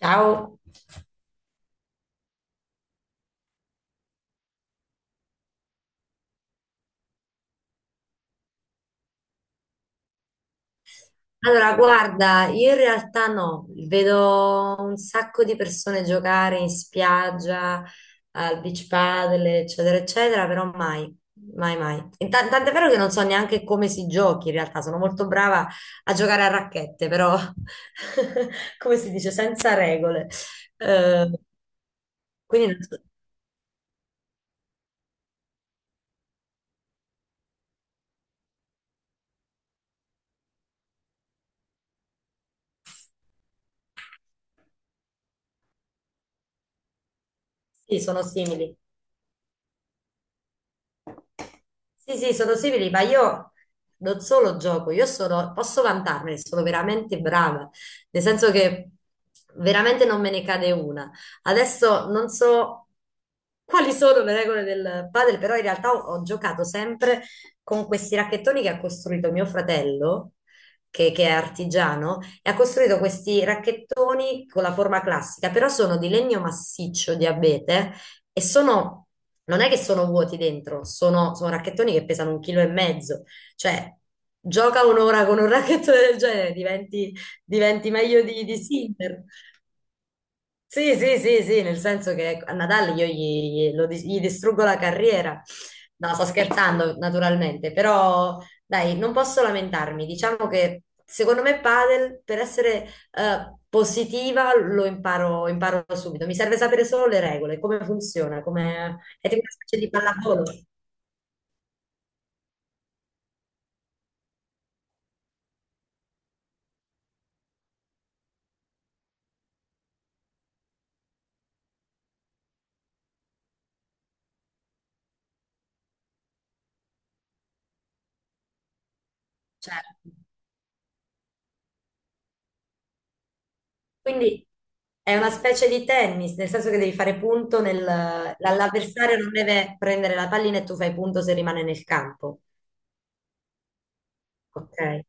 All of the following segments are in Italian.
Ciao. Allora, guarda, io in realtà no, vedo un sacco di persone giocare in spiaggia, al beach paddle, eccetera, eccetera, però mai, mai, mai. Tant'è vero che non so neanche come si giochi in realtà, sono molto brava a giocare a racchette, però come si dice, senza regole. Eh, quindi non so- sì, sono simili. Sì, sì, sono simili, ma io non solo gioco, io sono, posso vantarmene, sono veramente brava, nel senso che veramente non me ne cade una. Adesso non so quali sono le regole del padel, però in realtà ho giocato sempre con questi racchettoni che ha costruito mio fratello, che è artigiano, e ha costruito questi racchettoni con la forma classica, però sono di legno massiccio, di abete, e sono, non è che sono vuoti dentro, sono racchettoni che pesano un chilo e mezzo, cioè gioca un'ora con un racchettone del genere, diventi, diventi meglio di Sinner. Sì, sì, sì, sì, nel senso che ecco, a Natale io gli distruggo la carriera. No, sto scherzando, naturalmente, però dai, non posso lamentarmi. Diciamo che secondo me padel, per essere positiva, lo imparo, imparo subito. Mi serve sapere solo le regole, come funziona, è tipo una specie di pallavolo. Cioè, quindi è una specie di tennis, nel senso che devi fare punto l'avversario non deve prendere la pallina e tu fai punto se rimane nel campo. Ok,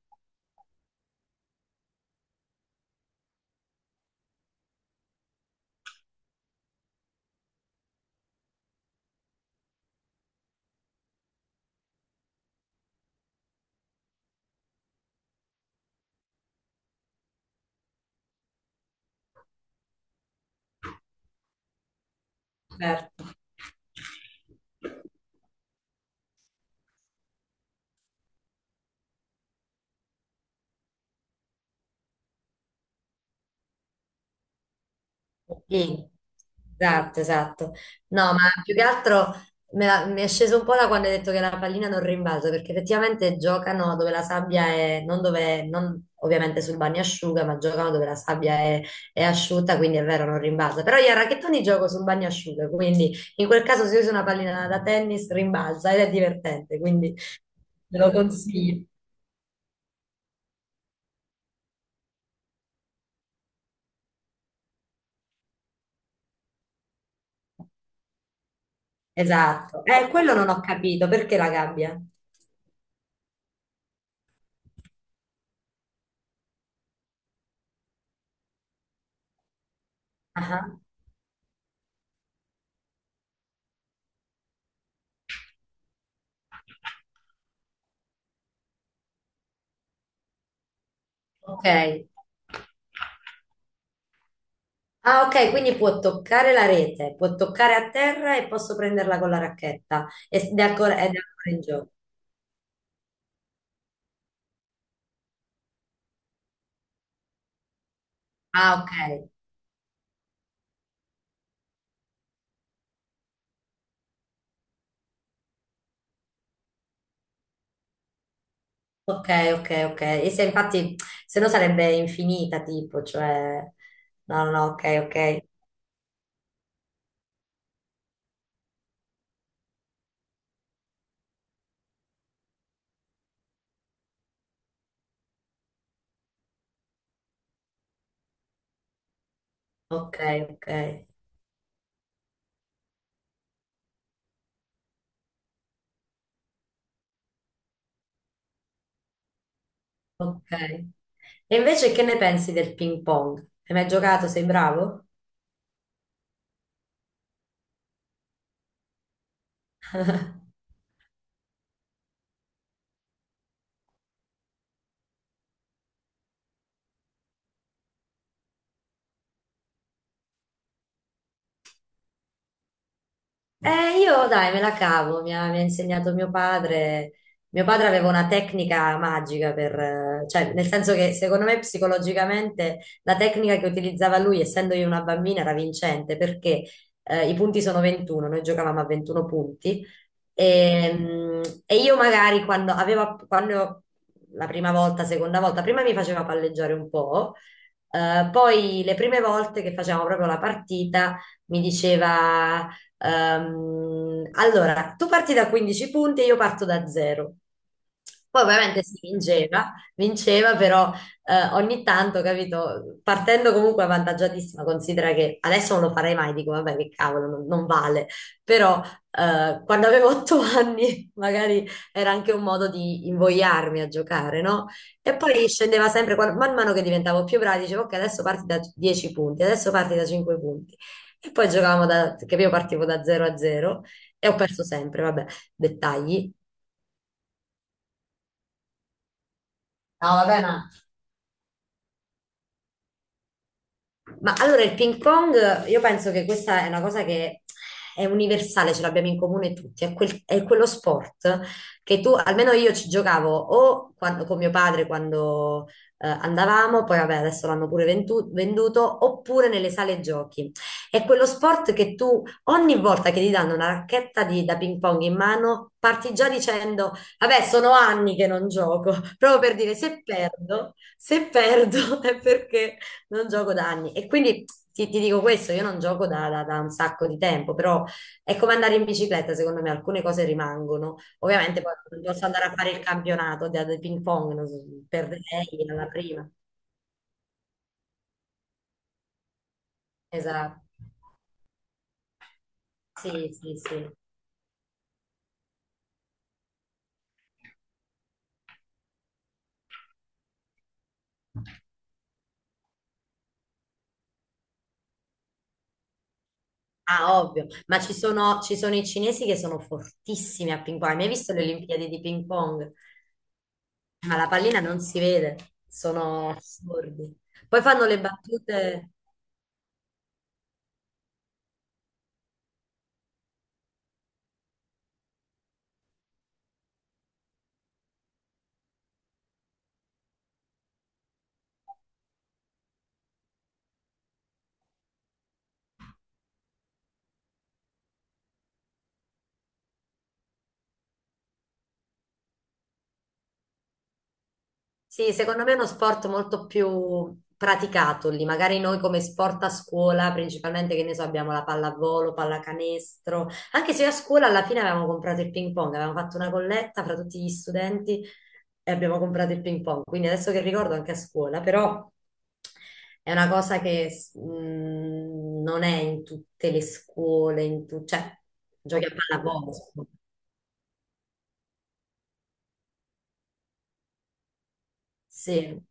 certo, sì, esatto, esatto. No, ma più che altro mi è sceso un po' da quando hai detto che la pallina non rimbalza, perché effettivamente giocano dove la sabbia è, non dove, non ovviamente sul bagnasciuga, ma giocano dove la sabbia è asciutta, quindi è vero, non rimbalza. Però io a racchettoni gioco sul bagnasciuga, quindi in quel caso se usa una pallina da tennis rimbalza ed è divertente, quindi ve lo consiglio. Esatto. Quello non ho capito, perché la gabbia? Ah, ok. Ah, ok, quindi può toccare la rete, può toccare a terra e posso prenderla con la racchetta. Ed è ancora in gioco. Ah, ok, ok, ok, ok. E se infatti, se no sarebbe infinita, tipo, cioè... No, no, ok, ok, ok, ok, ok. E invece che ne pensi del ping pong? Hai mai giocato? Sei bravo? Io dai, me la cavo, mi ha insegnato mio padre. Mio padre aveva una tecnica magica per, cioè, nel senso che secondo me psicologicamente la tecnica che utilizzava lui, essendo io una bambina, era vincente perché i punti sono 21, noi giocavamo a 21 punti e io magari quando la prima volta, seconda volta, prima mi faceva palleggiare un po', poi le prime volte che facevamo proprio la partita mi diceva. Allora, tu parti da 15 punti e io parto da 0. Poi ovviamente si vinceva, vinceva, però ogni tanto, capito, partendo comunque avvantaggiatissima, considera che adesso non lo farei mai, dico, vabbè, che cavolo, non vale, però quando avevo 8 anni magari era anche un modo di invogliarmi a giocare, no? E poi scendeva sempre, man mano che diventavo più brava, dicevo, ok, adesso parti da 10 punti, adesso parti da 5 punti. E poi giocavamo che io partivo da 0 a 0 e ho perso sempre, vabbè, dettagli. No, vabbè, ma allora il ping pong, io penso che questa è una cosa che è universale, ce l'abbiamo in comune tutti, è quello sport che tu, almeno io ci giocavo o con mio padre quando andavamo, poi vabbè adesso l'hanno pure venduto, oppure nelle sale giochi. È quello sport che tu ogni volta che ti danno una racchetta da ping pong in mano, parti già dicendo, vabbè sono anni che non gioco, proprio per dire se perdo, se perdo è perché non gioco da anni. E quindi ti dico questo, io non gioco da un sacco di tempo, però è come andare in bicicletta, secondo me, alcune cose rimangono. Ovviamente poi non posso andare a fare il campionato di, ping pong, non so, perderei alla prima. Esatto, sì, sì, sì. Ah, ovvio, ma ci sono i cinesi che sono fortissimi a ping pong. Hai mai visto le Olimpiadi di ping pong? Ma la pallina non si vede, sono assurdi. Poi fanno le battute. Sì, secondo me è uno sport molto più praticato lì. Magari noi come sport a scuola, principalmente, che ne so, abbiamo la pallavolo, pallacanestro. Anche se io a scuola alla fine avevamo comprato il ping pong, avevamo fatto una colletta fra tutti gli studenti e abbiamo comprato il ping pong. Quindi adesso che ricordo anche a scuola, però è una cosa che non è in tutte le scuole, cioè ho giochi a capito, pallavolo. Sì,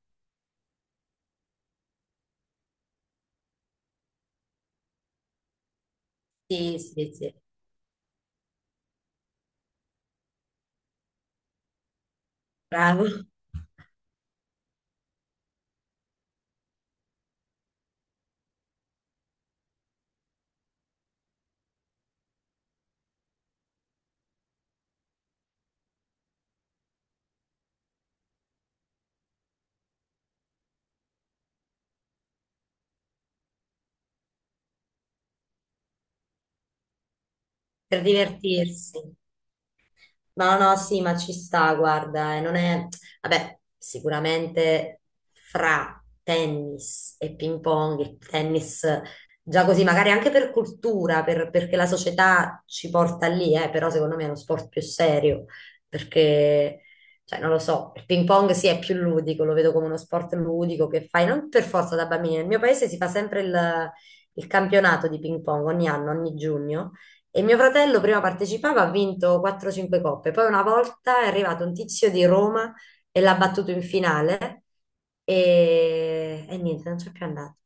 sì, sì, sì. Bravo. Per divertirsi. No, no, sì, ma ci sta, guarda, e non è... Vabbè, sicuramente fra tennis e ping pong, il tennis già così, magari anche per cultura, perché la società ci porta lì, però secondo me è uno sport più serio, perché, cioè, non lo so, il ping pong sì è più ludico, lo vedo come uno sport ludico che fai, non per forza da bambini, nel mio paese si fa sempre il campionato di ping pong ogni anno, ogni giugno. E mio fratello prima partecipava, ha vinto 4-5 coppe. Poi una volta è arrivato un tizio di Roma e l'ha battuto in finale e niente, non c'è più andato.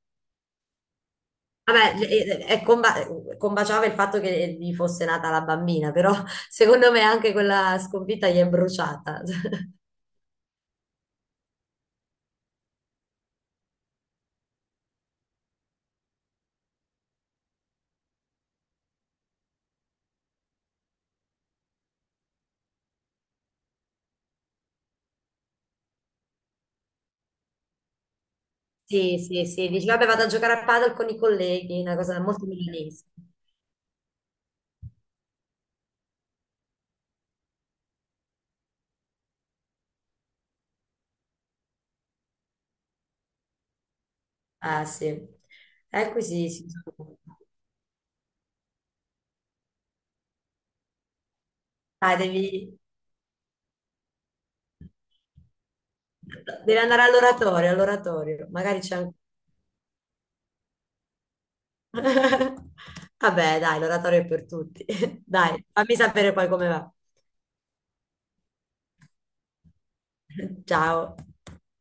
Vabbè, combaciava il fatto che gli fosse nata la bambina, però secondo me anche quella sconfitta gli è bruciata. Sì, sì, sì, dice, vabbè, vado a giocare a padel con i colleghi, una cosa molto milanese. Ah, sì. Ecco, sì, sì. Dai, devi andare all'oratorio, all'oratorio. Magari c'è anche... Vabbè, dai, l'oratorio è per tutti. Dai, fammi sapere poi come va. Ciao.